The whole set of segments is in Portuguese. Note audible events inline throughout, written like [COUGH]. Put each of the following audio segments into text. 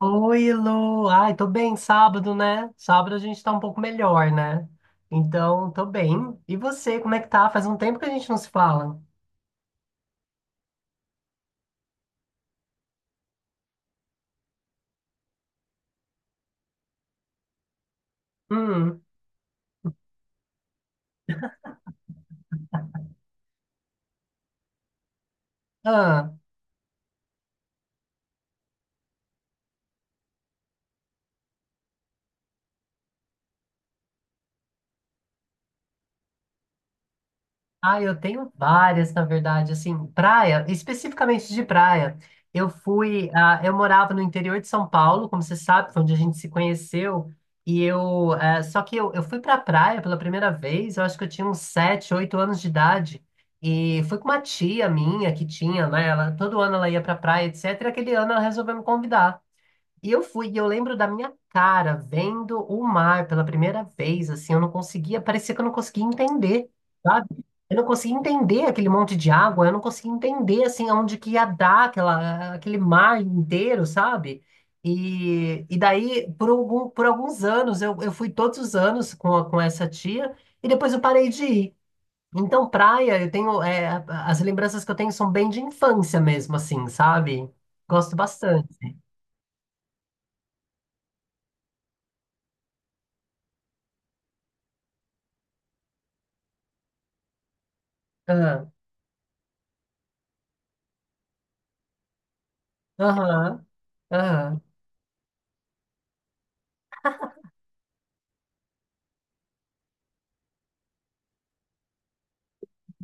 Oi, Lu. Ai, tô bem, sábado, né? Sábado a gente tá um pouco melhor, né? Então, tô bem. E você, como é que tá? Faz um tempo que a gente não se fala. Hum. Ah. Ah, eu tenho várias, na verdade, assim, praia, especificamente de praia. Eu morava no interior de São Paulo, como você sabe, foi onde a gente se conheceu, só que eu fui pra praia pela primeira vez, eu acho que eu tinha uns sete, oito anos de idade, e fui com uma tia minha que tinha, né, ela, todo ano ela ia pra praia, etc, e aquele ano ela resolveu me convidar. E eu fui, e eu lembro da minha cara vendo o mar pela primeira vez, assim, eu não conseguia, parecia que eu não conseguia entender, sabe? Eu não conseguia entender aquele monte de água, eu não conseguia entender, assim, aonde que ia dar aquela, aquele mar inteiro, sabe? E daí, por alguns anos, eu fui todos os anos com essa tia, e depois eu parei de ir. Então, praia, eu tenho, as lembranças que eu tenho são bem de infância mesmo, assim, sabe? Gosto bastante. Ah. Aham. Aham.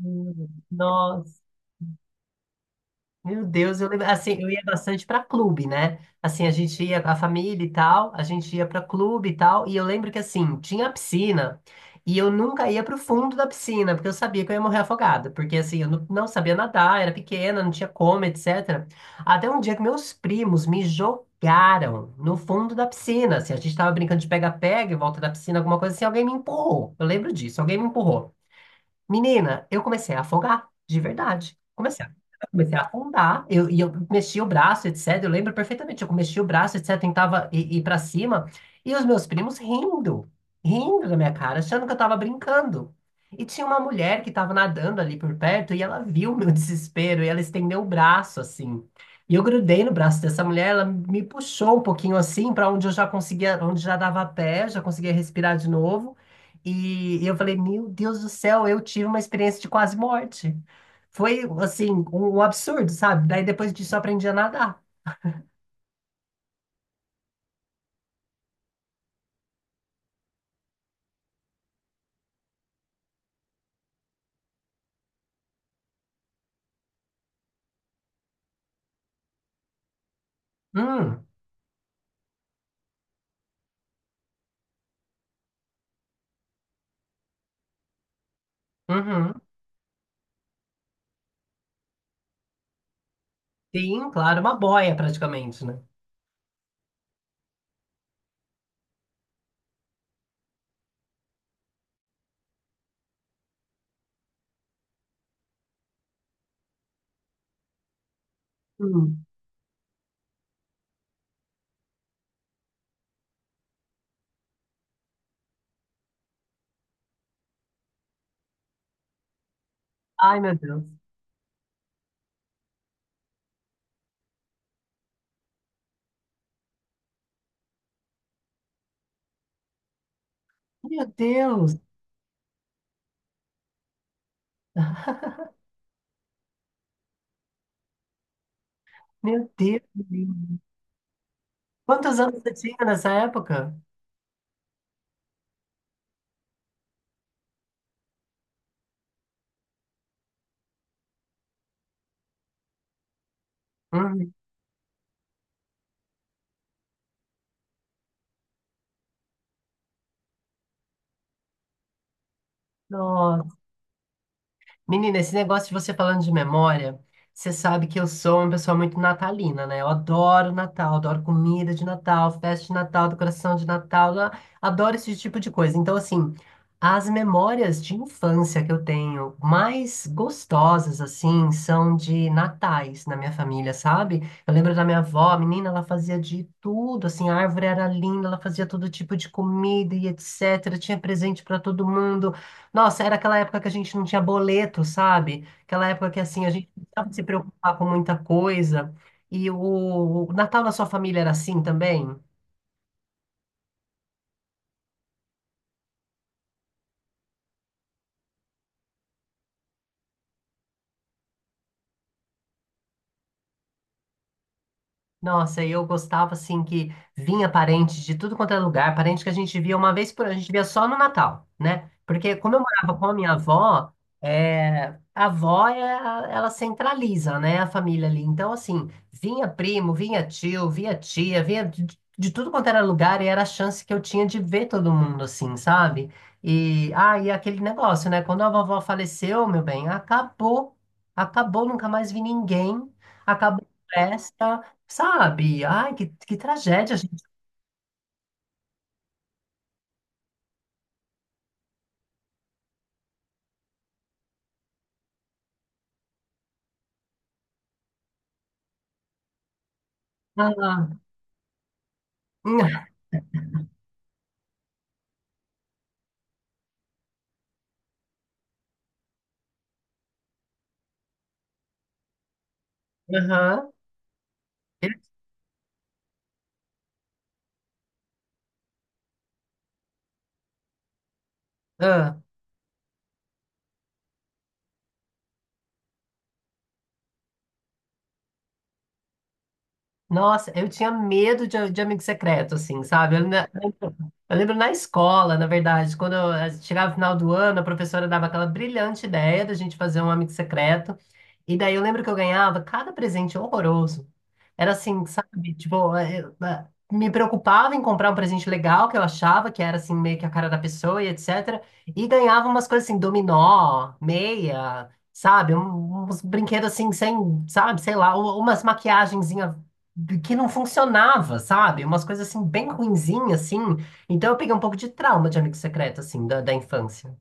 Nossa, meu Deus, eu lembro, assim, eu ia bastante pra clube, né? Assim, a gente ia com a família e tal, a gente ia pra clube e tal, e eu lembro que assim, tinha a piscina, e eu nunca ia pro fundo da piscina, porque eu sabia que eu ia morrer afogada, porque assim, eu não, não sabia nadar, era pequena, não tinha como, etc. Até um dia que meus primos me jogaram no fundo da piscina, assim, a gente tava brincando de pega-pega em volta da piscina, alguma coisa assim, alguém me empurrou. Eu lembro disso, alguém me empurrou. Menina, eu comecei a afogar, de verdade. Comecei a afundar, eu, e eu mexi o braço, etc. Eu lembro perfeitamente, eu mexi o braço, etc. Tentava ir para cima, e os meus primos rindo, rindo da minha cara, achando que eu tava brincando. E tinha uma mulher que estava nadando ali por perto, e ela viu o meu [LAUGHS] desespero, e ela estendeu o braço assim. E eu grudei no braço dessa mulher, ela me puxou um pouquinho assim, para onde eu já conseguia, onde já dava pé, já conseguia respirar de novo. E eu falei, meu Deus do céu, eu tive uma experiência de quase morte. Foi, assim, um absurdo, sabe? Daí depois disso eu aprendi a nadar. Hum. Uhum. Sim, claro, uma boia praticamente, né? Hum. Ai, meu Deus. Meu Deus, meu Deus. Quantos anos você tinha nessa época? Uhum. Menina, esse negócio de você falando de memória, você sabe que eu sou uma pessoa muito natalina, né? Eu adoro Natal, adoro comida de Natal, festa de Natal, decoração de Natal, adoro esse tipo de coisa. Então, assim, as memórias de infância que eu tenho mais gostosas, assim, são de natais na minha família, sabe? Eu lembro da minha avó, menina, ela fazia de tudo, assim, a árvore era linda, ela fazia todo tipo de comida e etc. Tinha presente para todo mundo. Nossa, era aquela época que a gente não tinha boleto, sabe? Aquela época que assim a gente não precisava se preocupar com muita coisa. E o Natal na sua família era assim também? Nossa, e eu gostava assim que vinha parente de tudo quanto é lugar, parente que a gente via uma vez por ano, a gente via só no Natal, né? Porque como eu morava com a minha é, avó é a- ela centraliza, né, a família ali. Então assim, vinha primo, vinha tio, vinha tia, vinha de tudo quanto era lugar e era a chance que eu tinha de ver todo mundo assim, sabe? E aquele negócio, né? Quando a vovó faleceu, meu bem, acabou, acabou, nunca mais vi ninguém, acabou a festa. Sabe? Ai, que tragédia, gente. Ah. Hum. Aham. Eu- ah, nossa, eu tinha medo de amigo secreto, assim, sabe? Eu lembro na escola, na verdade, quando eu, chegava o final do ano, a professora dava aquela brilhante ideia da gente fazer um amigo secreto. E daí eu lembro que eu ganhava cada presente horroroso. Era assim, sabe? Tipo, eu, me preocupava em comprar um presente legal que eu achava que era assim meio que a cara da pessoa e etc. E ganhava umas coisas assim, dominó, meia, sabe? Uns brinquedos assim sem, sabe, sei lá, umas maquiagenzinha que não funcionava, sabe? Umas coisas assim bem ruinzinha assim. Então eu peguei um pouco de trauma de amigo secreto assim da infância.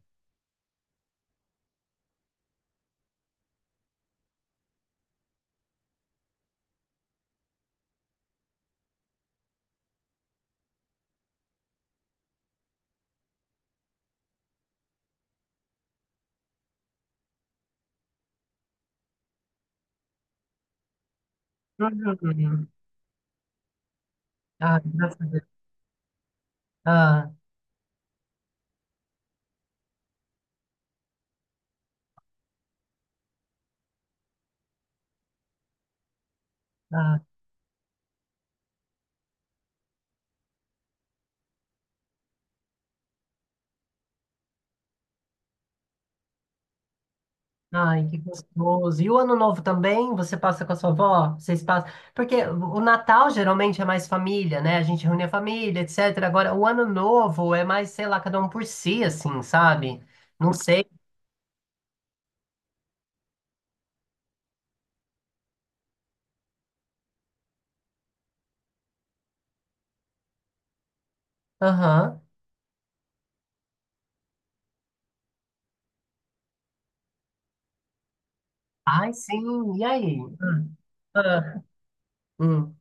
Uhum. Ah, graças a Deus. Ah, ah. Ai, que gostoso. E o Ano Novo também? Você passa com a sua avó? Vocês passam? Porque o Natal geralmente é mais família, né? A gente reúne a família, etc. Agora, o Ano Novo é mais, sei lá, cada um por si, assim, sabe? Não sei. Aham. Ai, sim. E aí? Hum. Ah, hum.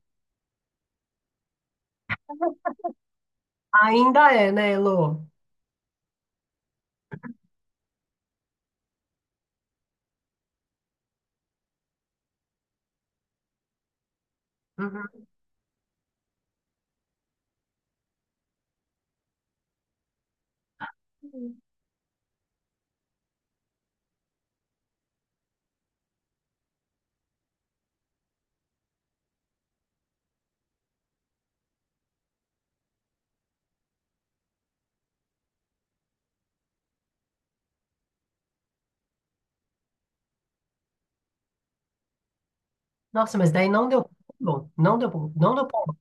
Ainda é, né, Elô? Uhum. Nossa, mas daí não deu pulo. Não deu pulo. Não deu pulo.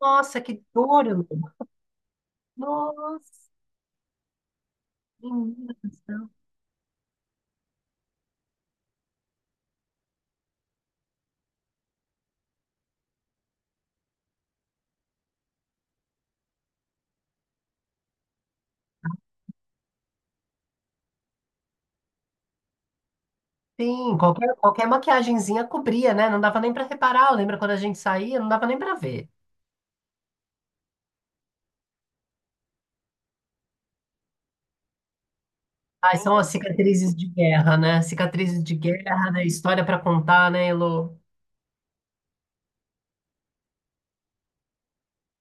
Nossa, que dor, Elô. Nossa, menina. Do céu. Sim, qualquer maquiagenzinha cobria, né? Não dava nem pra reparar. Lembra quando a gente saía? Não dava nem pra ver. Ai, são as cicatrizes de guerra, né? Cicatrizes de guerra, né? História pra contar, né, Elo?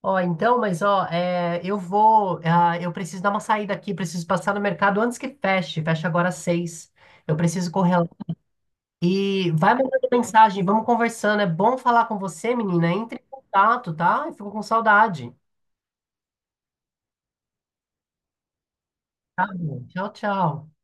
Ó, então, mas ó, é, eu preciso dar uma saída aqui, preciso passar no mercado antes que feche. Fecha agora às seis. Eu preciso correr lá. E vai mandando mensagem, vamos conversando. É bom falar com você, menina. Entre em contato, tá? Eu fico com saudade. Tá bom. Tchau, tchau.